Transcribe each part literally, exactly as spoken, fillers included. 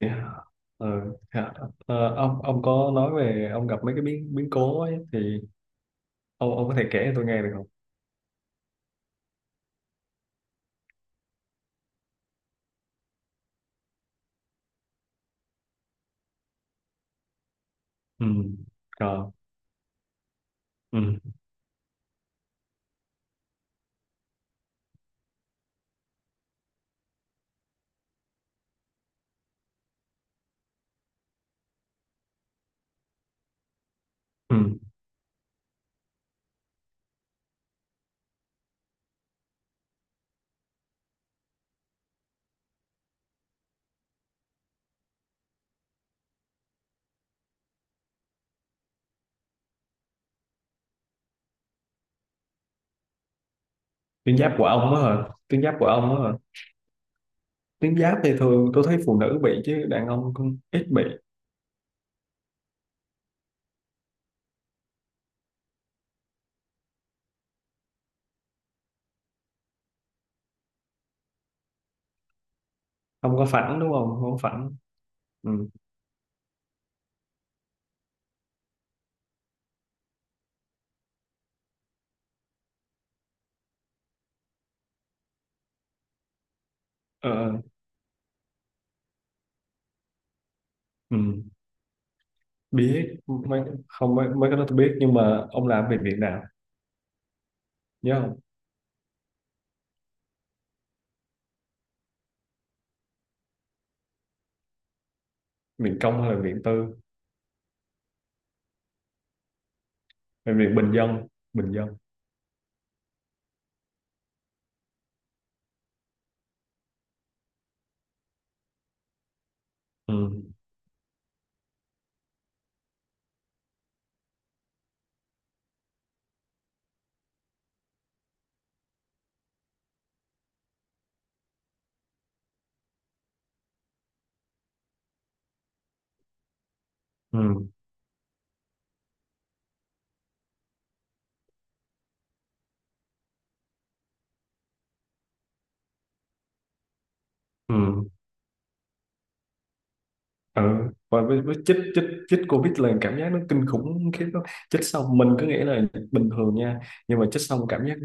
Yeah. Ờ, dạ. Ờ, ông ông có nói về ông gặp mấy cái biến biến cố ấy, thì ông ông có thể kể cho tôi nghe được không? Ừ. Rồi. Ừ. Ừ. Tuyến giáp của ông á hả? Tuyến giáp của ông á hả? Tuyến giáp thì thường tôi thấy phụ nữ bị chứ đàn ông cũng ít bị. Không có phẳng đúng không? Không có phẳng. Ừ. Ờ, ừ. Biết mấy, không mấy, mấy cái đó tôi biết nhưng mà ông làm về viện nào? Nhớ không? Viện công hay là viện tư? Hay viện bình dân? Bình dân. Ừ. Ừ. Ừ. Ừ và với, với chích chích chích covid là cảm giác nó kinh khủng khiếp đó. Chích xong mình cứ nghĩ là bình thường nha, nhưng mà chích xong cảm giác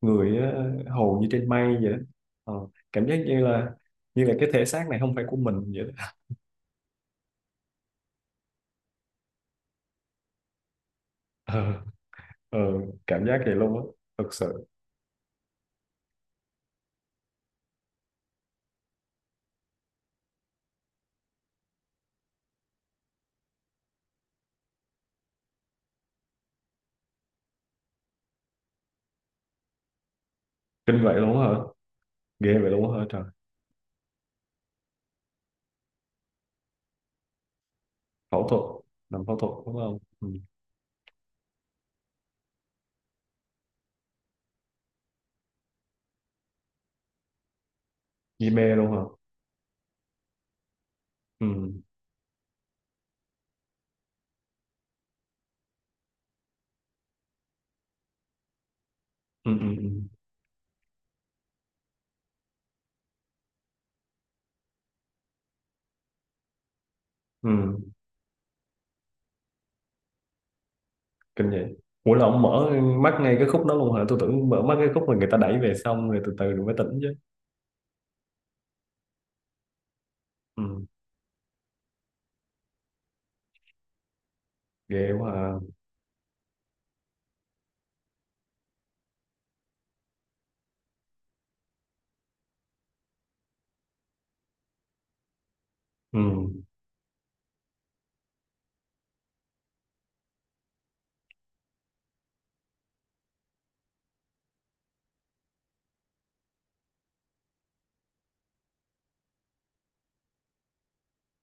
người ờ, hầu như trên mây vậy đó. Ờ, cảm giác như là như là cái thể xác này không phải của mình vậy đó. Ờ, ờ, cảm giác vậy luôn á, thật sự. Kinh vậy luôn á hả? Ghê vậy luôn á hả trời. Phẫu thuật. Làm phẫu thuật đúng không? Ừ. Di mê luôn hả? Ừ. Ừ, ừ, ừ. Ừ. Kinh vậy. Ủa là ông mở mắt ngay cái khúc đó luôn hả? Tôi tưởng mở mắt cái khúc mà người ta đẩy về xong rồi từ từ rồi mới tỉnh chứ. Ừ. Ghê quá à. Ừ.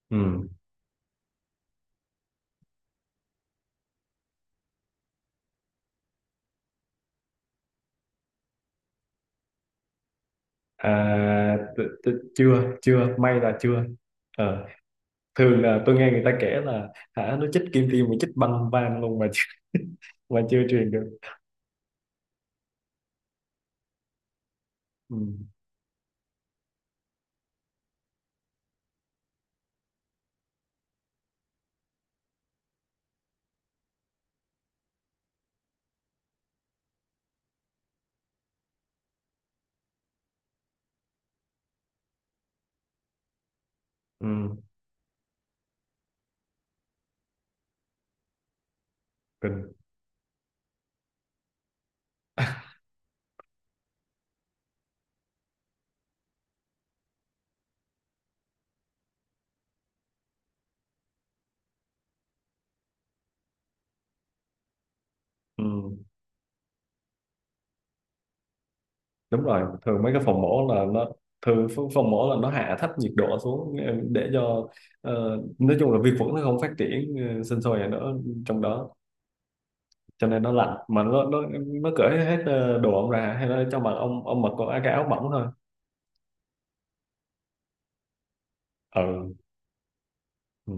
Ừ. À, t- t- chưa, chưa may là chưa. Ờ, thường là tôi nghe người ta kể là hả nó chích kim tiêm mà chích băng van luôn mà chưa, mà chưa truyền được. Ừ. Ừ. Kinh. Ừ. Đúng rồi, thường mấy cái phòng mổ là nó thường ph- phòng mổ là nó hạ thấp nhiệt độ xuống, ờ, để cho ờ, nói chung là vi khuẩn nó không phát triển, ờ, sinh sôi ở đó, trong đó, cho nên nó lạnh mà nó nó nó cởi hết ờ, đồ ông ra hay là cho mặc ông ông mặc có cái áo mỏng thôi. Ừ. Ừ.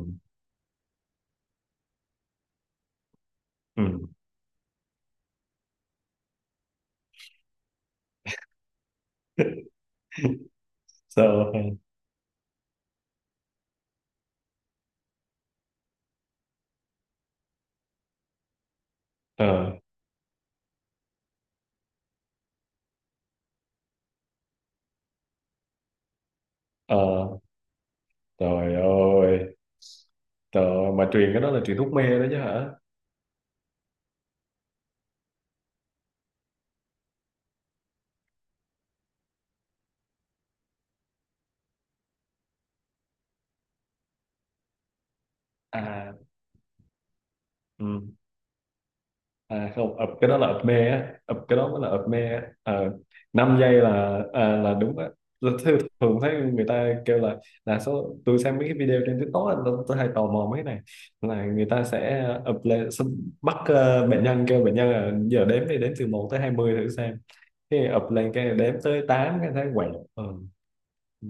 Ừ. So. Ờ. Ờ. Trời ơi. Trời ơi, mà truyền cái đó là truyền thuốc mê đó chứ hả? À. Ừ. À không, ập cái đó là ập mê á, ập cái đó mới là ập mê á. Ờ, năm giây là à, là đúng á. Tôi thấy- thường thấy người ta kêu là là số tôi xem mấy cái video trên TikTok á, tôi, tôi hay tò mò mấy cái này là người ta sẽ ập lên xong bắt ờ, bệnh nhân, kêu bệnh nhân là giờ đếm đi, đếm từ một tới hai mươi thử xem. Cái ập lên cái đếm tới tám cái thấy quẹt. Ừ. Ừ.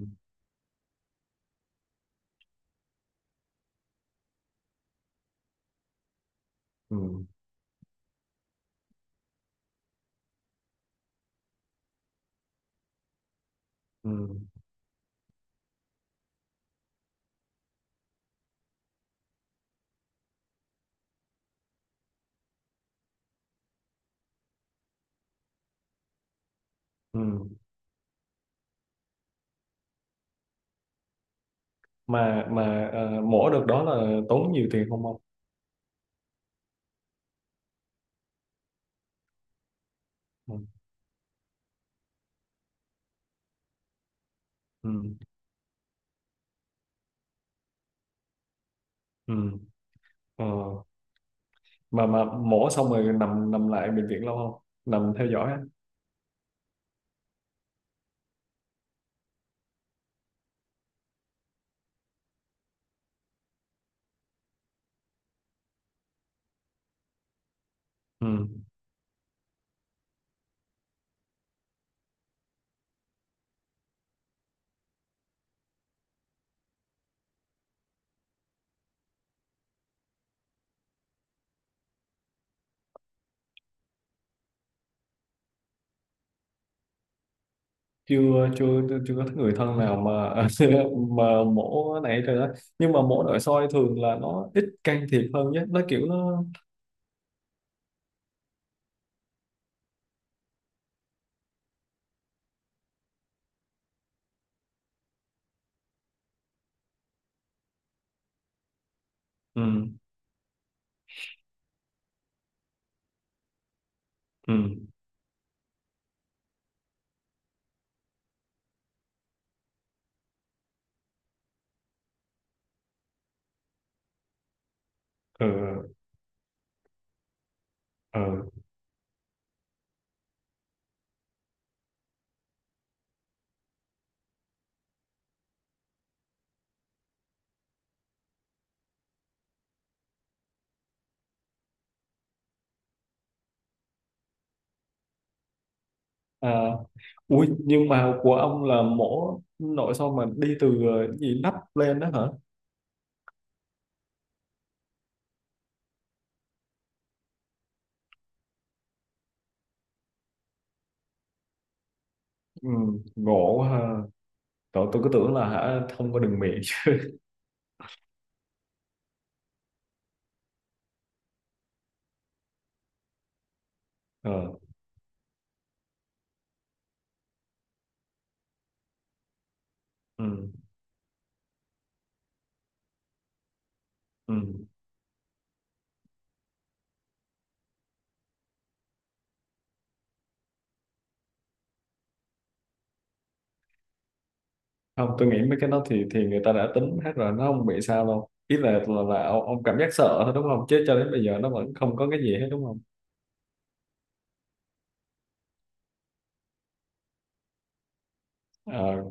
Ừ. Ừ. Ừ. Mà mà ờ, mổ được đó là tốn nhiều tiền không không? Ừ. Ừ. Ừ. Ờ. mà mà mổ xong rồi nằm, nằm lại bệnh viện lâu không, nằm theo dõi á? Ừ. chưa chưa chưa có người thân nào mà mà mổ này rồi đó, nhưng mà mổ nội soi thường là nó ít can thiệp hơn nhé, nó kiểu nó. Ừ. Ừ. Ừ. Ừ. À, ui nhưng mà của ông là mổ nội soi mà đi từ ờ, cái gì nắp lên đó hả? Ừ. Gỗ ha. Trời, tôi cứ tưởng là hả không có đường miệng. Ờ. Ừ. Ừ. Không, tôi nghĩ mấy cái đó thì thì người ta đã tính hết rồi, nó không bị sao đâu, ý là là, là ông, ông cảm giác sợ thôi đúng không, chứ cho đến bây giờ nó vẫn không có cái gì hết đúng không? Ờ,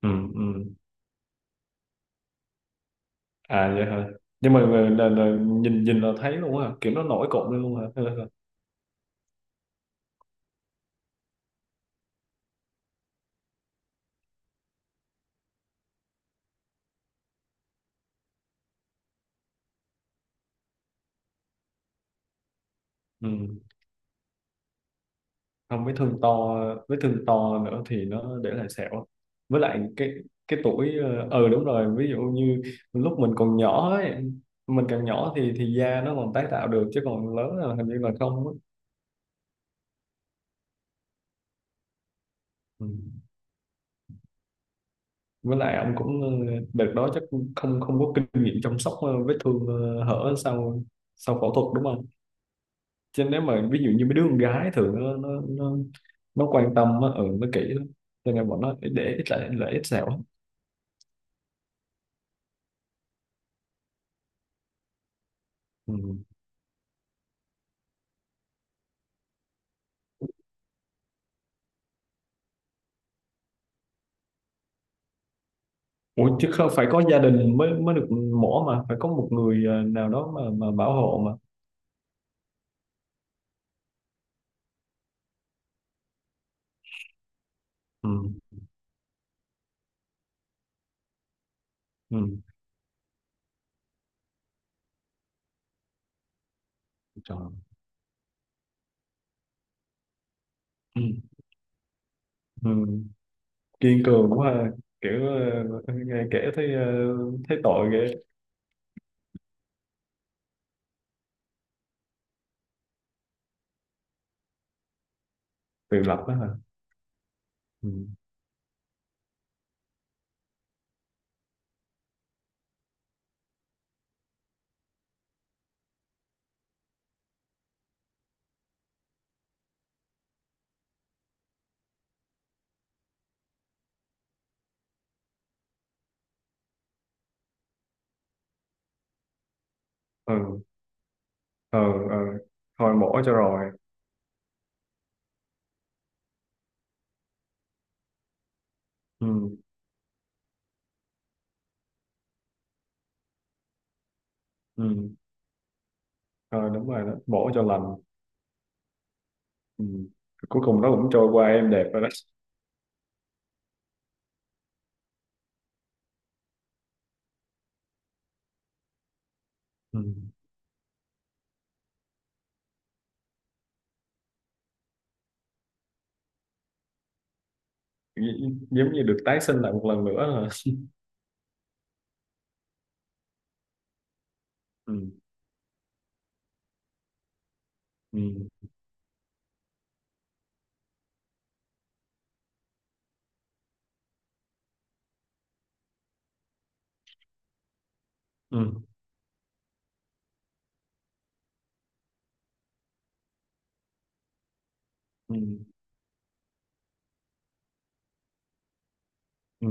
ừ, ừ. À vậy hả? Nhưng mà là, là, là nhìn nhìn là thấy luôn hả, kiểu nó nổi cộm lên luôn hả? Hay là- ừ. Không, vết thương to, vết thương to nữa thì nó để lại sẹo, với lại cái cái tuổi. Ờ ừ, đúng rồi, ví dụ như lúc mình còn nhỏ ấy, mình càng nhỏ thì thì da nó còn tái tạo được chứ còn lớn là hình như là không á. Ừ. Với lại ông cũng ờ, đợt đó chắc cũng không không có kinh nghiệm chăm sóc ờ, vết thương ờ, hở sau, sau phẫu thuật đúng không? Chứ nếu mà ví dụ như mấy đứa con gái thường nó nó nó, nó quan tâm á, ừ, nó kỹ lắm, cho nên bọn nó để ít lại lại ít sẹo lắm. Ừ. Ủa chứ không phải có gia đình mới mới được mổ mà phải có một người ờ, nào đó mà mà bảo hộ mà. Ừ. Ừ. Trời. Ừ. Ừ. Kiên cường quá ha. Kiểu ờ, nghe kể thấy ờ, thấy tội ghê. Tự lập đó hả? Ừ. Ừ. Ờ. Ờ. Thôi mổ cho rồi. Ừ. Ừ. Ờ đúng rồi đó, mổ cho lành. Ừ. Cuối cùng nó cũng trôi qua em đẹp rồi đó. Ừ. Gi- giống như được tái sinh lại một lần nữa là. Ừ. Ừ. Ừ. Ừ. Ừ.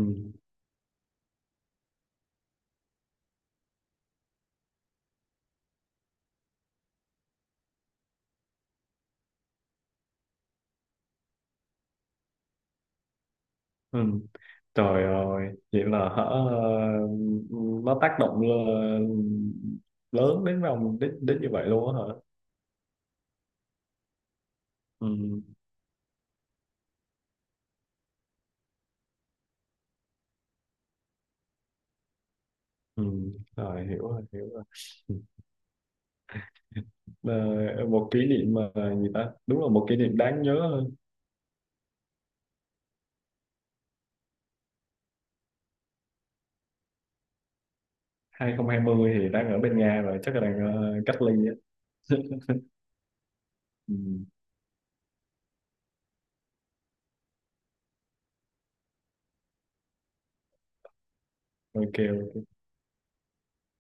Ừ. Trời ơi vậy là hả, nó tác động l- lớn đến vòng đến đến như vậy luôn á hả? Ừ. Ừ. Rồi hiểu rồi, hiểu rồi. Ờ, một kỷ niệm mà gì ta, đúng là một kỷ niệm đáng nhớ. hai không hai không thì đang ở bên Nga rồi, chắc là đang ờ, cách ly á. Ừ. Ok